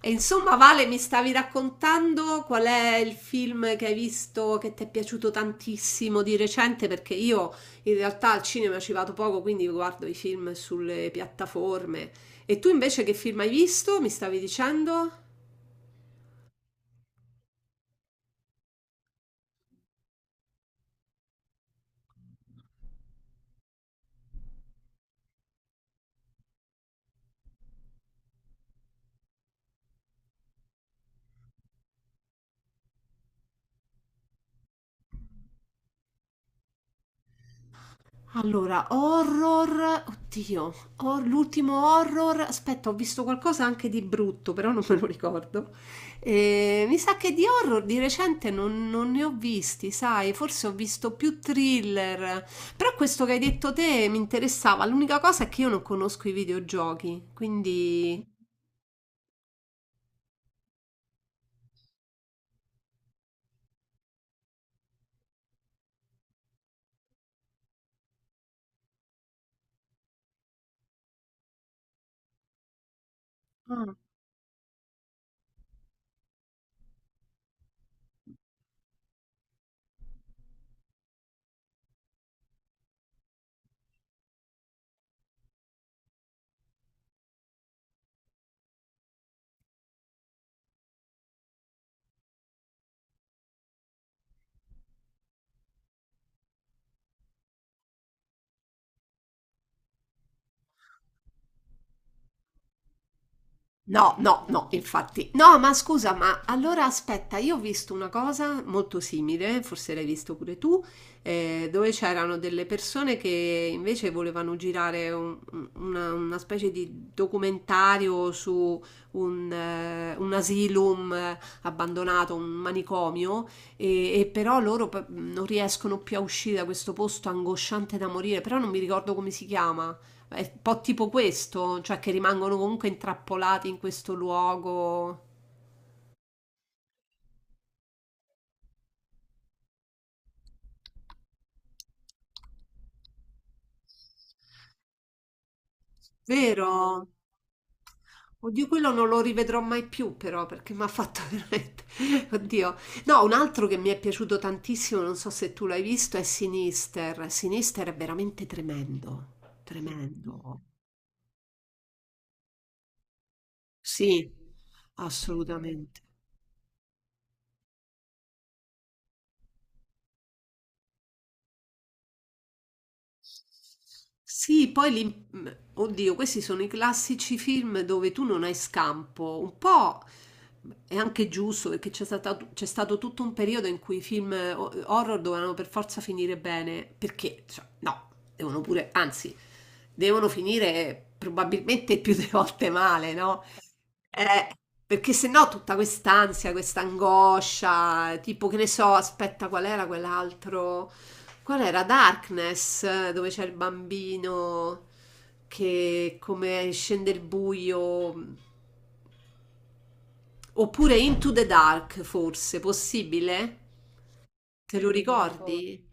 E insomma, Vale, mi stavi raccontando qual è il film che hai visto che ti è piaciuto tantissimo di recente? Perché io in realtà al cinema ci vado poco, quindi guardo i film sulle piattaforme. E tu invece che film hai visto? Mi stavi dicendo? Allora, horror, oddio, l'ultimo horror, aspetta, ho visto qualcosa anche di brutto, però non me lo ricordo. Mi sa che di horror di recente non ne ho visti, sai, forse ho visto più thriller, però questo che hai detto te mi interessava. L'unica cosa è che io non conosco i videogiochi, quindi... No, infatti. No, ma scusa, ma allora aspetta, io ho visto una cosa molto simile, forse l'hai visto pure tu, dove c'erano delle persone che invece volevano girare una specie di documentario su un asylum abbandonato, un manicomio, e però loro non riescono più a uscire da questo posto angosciante da morire, però non mi ricordo come si chiama. È un po' tipo questo, cioè che rimangono comunque intrappolati in questo luogo. Vero? Oddio, quello non lo rivedrò mai più, però, perché mi ha fatto veramente. Oddio. No, un altro che mi è piaciuto tantissimo, non so se tu l'hai visto, è Sinister. Sinister è veramente tremendo. Tremendo. Sì, assolutamente. Sì, poi oddio, questi sono i classici film dove tu non hai scampo. Un po' è anche giusto perché c'è stato tutto un periodo in cui i film horror dovevano per forza finire bene, perché, cioè, no, devono pure, anzi, devono finire probabilmente più delle volte male, no? Eh, perché se no tutta quest'ansia, questa angoscia, tipo che ne so, aspetta, qual era quell'altro? Qual era? Darkness, dove c'è il bambino che come scende il buio. Oppure Into the Dark, forse, possibile? Te lo non mi ricordo. Ricordi?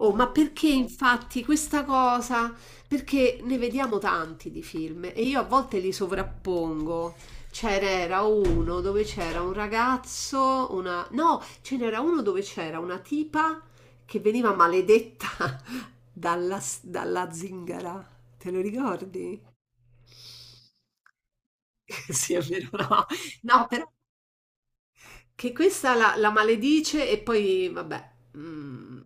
Oh, ma perché infatti questa cosa? Perché ne vediamo tanti di film e io a volte li sovrappongo. C'era uno dove c'era un ragazzo, una... No, ce n'era uno dove c'era una tipa che veniva maledetta dalla zingara. Te lo ricordi? Sì, è vero, no. No, però che questa la maledice e poi, vabbè, mm,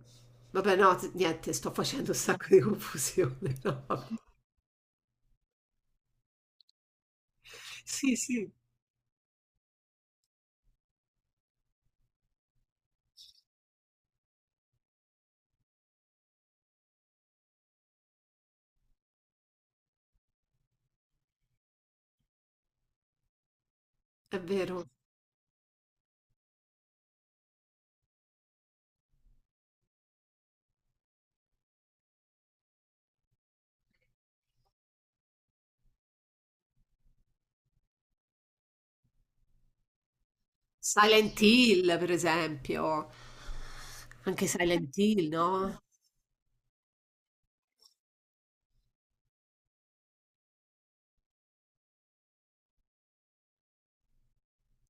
vabbè, no, niente, sto facendo un sacco di confusione. No, vabbè. Sì, sì, è vero. Silent Hill, per esempio, anche Silent Hill, no?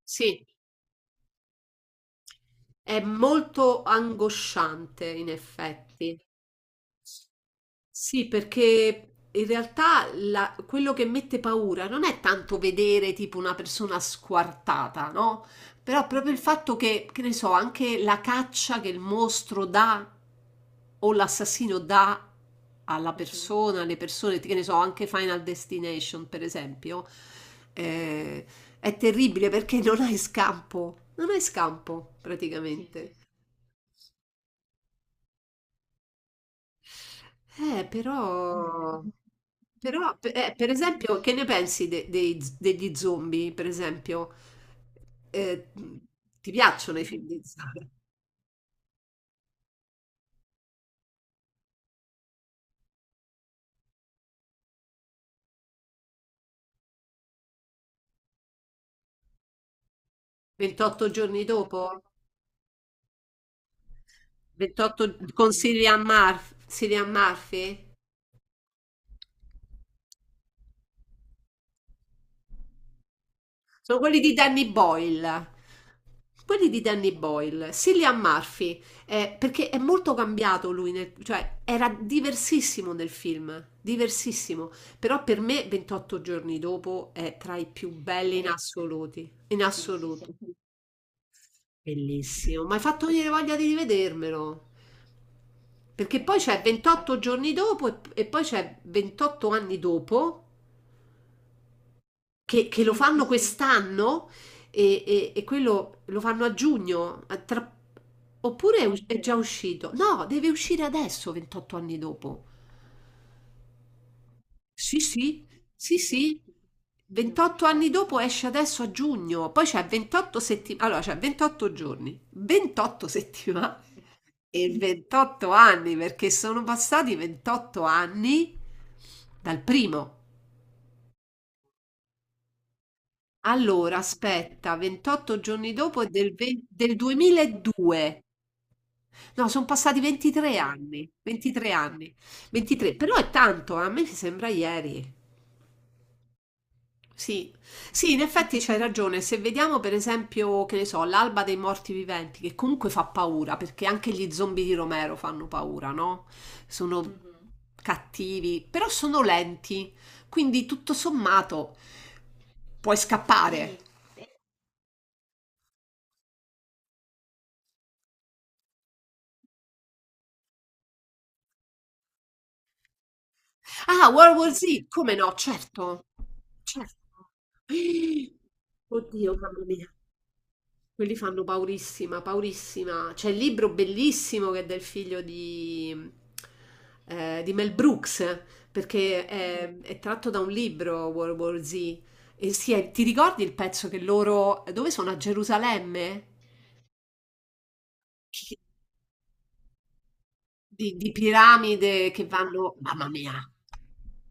Sì, è molto angosciante, in effetti. Sì, perché in realtà quello che mette paura non è tanto vedere tipo una persona squartata, no? Però proprio il fatto che ne so, anche la caccia che il mostro dà o l'assassino dà alla persona, alle persone, che ne so, anche Final Destination, per esempio, eh, è terribile perché non hai scampo, non hai scampo. Sì, praticamente. Però, però per esempio, che ne pensi dei degli zombie? Per esempio, eh, ti piacciono i film di Zara? 28 giorni dopo? 28 con Cillian Murphy? Cillian Murphy? Sono quelli di Danny Boyle. Quelli di Danny Boyle, Cillian Murphy, perché è molto cambiato lui, cioè era diversissimo nel film, diversissimo, però per me 28 giorni dopo è tra i più belli in assoluti, in assoluto. Bellissimo, mi hai fatto venire voglia di rivedermelo. Perché poi c'è 28 giorni dopo e poi c'è 28 anni dopo che lo fanno quest'anno e quello lo fanno a giugno, oppure è, è già uscito? No, deve uscire adesso, 28 anni dopo. Sì, sì, sì, sì. 28 anni dopo esce adesso a giugno, poi c'è 28 settimane, allora c'è 28 giorni, 28 settimane e 28 anni perché sono passati 28 anni dal primo. Allora, aspetta, 28 giorni dopo è del, del 2002. No, sono passati 23 anni, 23 anni, 23, però è tanto, a me mi sembra ieri. Sì, sì, in effetti c'hai ragione. Se vediamo per esempio, che ne so, l'alba dei morti viventi, che comunque fa paura, perché anche gli zombie di Romero fanno paura, no? Sono mhm. Cattivi, però sono lenti, quindi tutto sommato puoi scappare. Sì. Ah, World War Z, come no, certo. Cioè, oddio, mamma mia, quelli fanno paurissima, paurissima. C'è il libro bellissimo che è del figlio di Mel Brooks, perché è tratto da un libro, World War Z. E sì, ti ricordi il pezzo che loro, dove sono? A Gerusalemme? Di piramide che vanno mamma mia.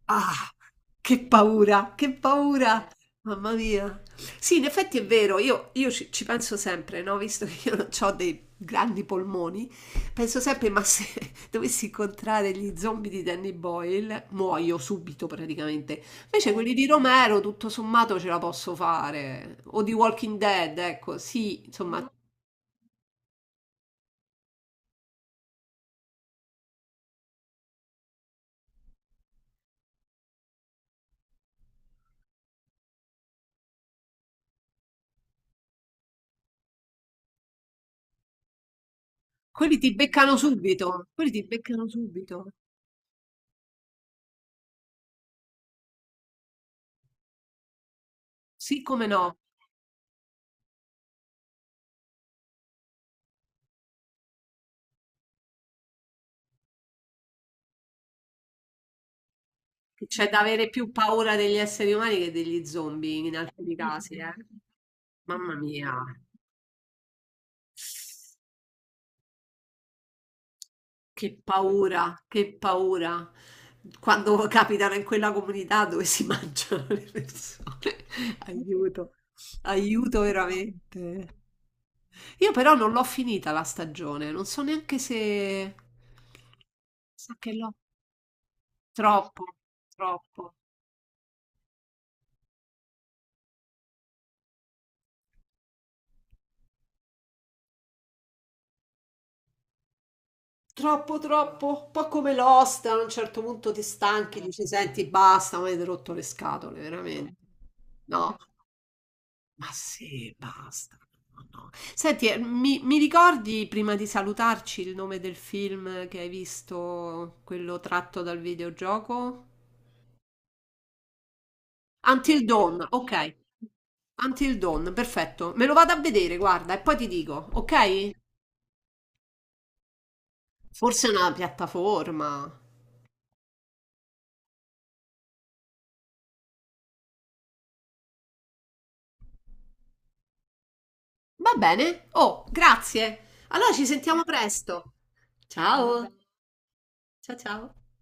Ah, che paura, mamma mia. Sì, in effetti è vero, io ci, ci penso sempre, no? Visto che io non ho dei grandi polmoni, penso sempre, ma se dovessi incontrare gli zombie di Danny Boyle, muoio subito praticamente. Invece quelli di Romero, tutto sommato, ce la posso fare. O di Walking Dead, ecco, sì, insomma, quelli ti beccano subito, quelli ti beccano subito. Sì, come no, che c'è da avere più paura degli esseri umani che degli zombie in alcuni casi, eh. Mamma mia, che paura, che paura. Quando capitano in quella comunità dove si mangiano le persone. Aiuto, aiuto veramente. Io però non l'ho finita la stagione, non so neanche se... So che l'ho... Troppo, troppo. Troppo, troppo, un po' come Lost, a un certo punto ti stanchi, dici, senti, basta, mi avete rotto le scatole, veramente. No, ma sì, basta. No, no. Senti, mi ricordi prima di salutarci il nome del film che hai visto, quello tratto dal videogioco? Until Dawn, ok. Until Dawn, perfetto. Me lo vado a vedere, guarda, e poi ti dico, ok? Forse è una piattaforma. Va bene. Oh, grazie. Allora ci sentiamo presto. Va ciao. Bene. Ciao ciao.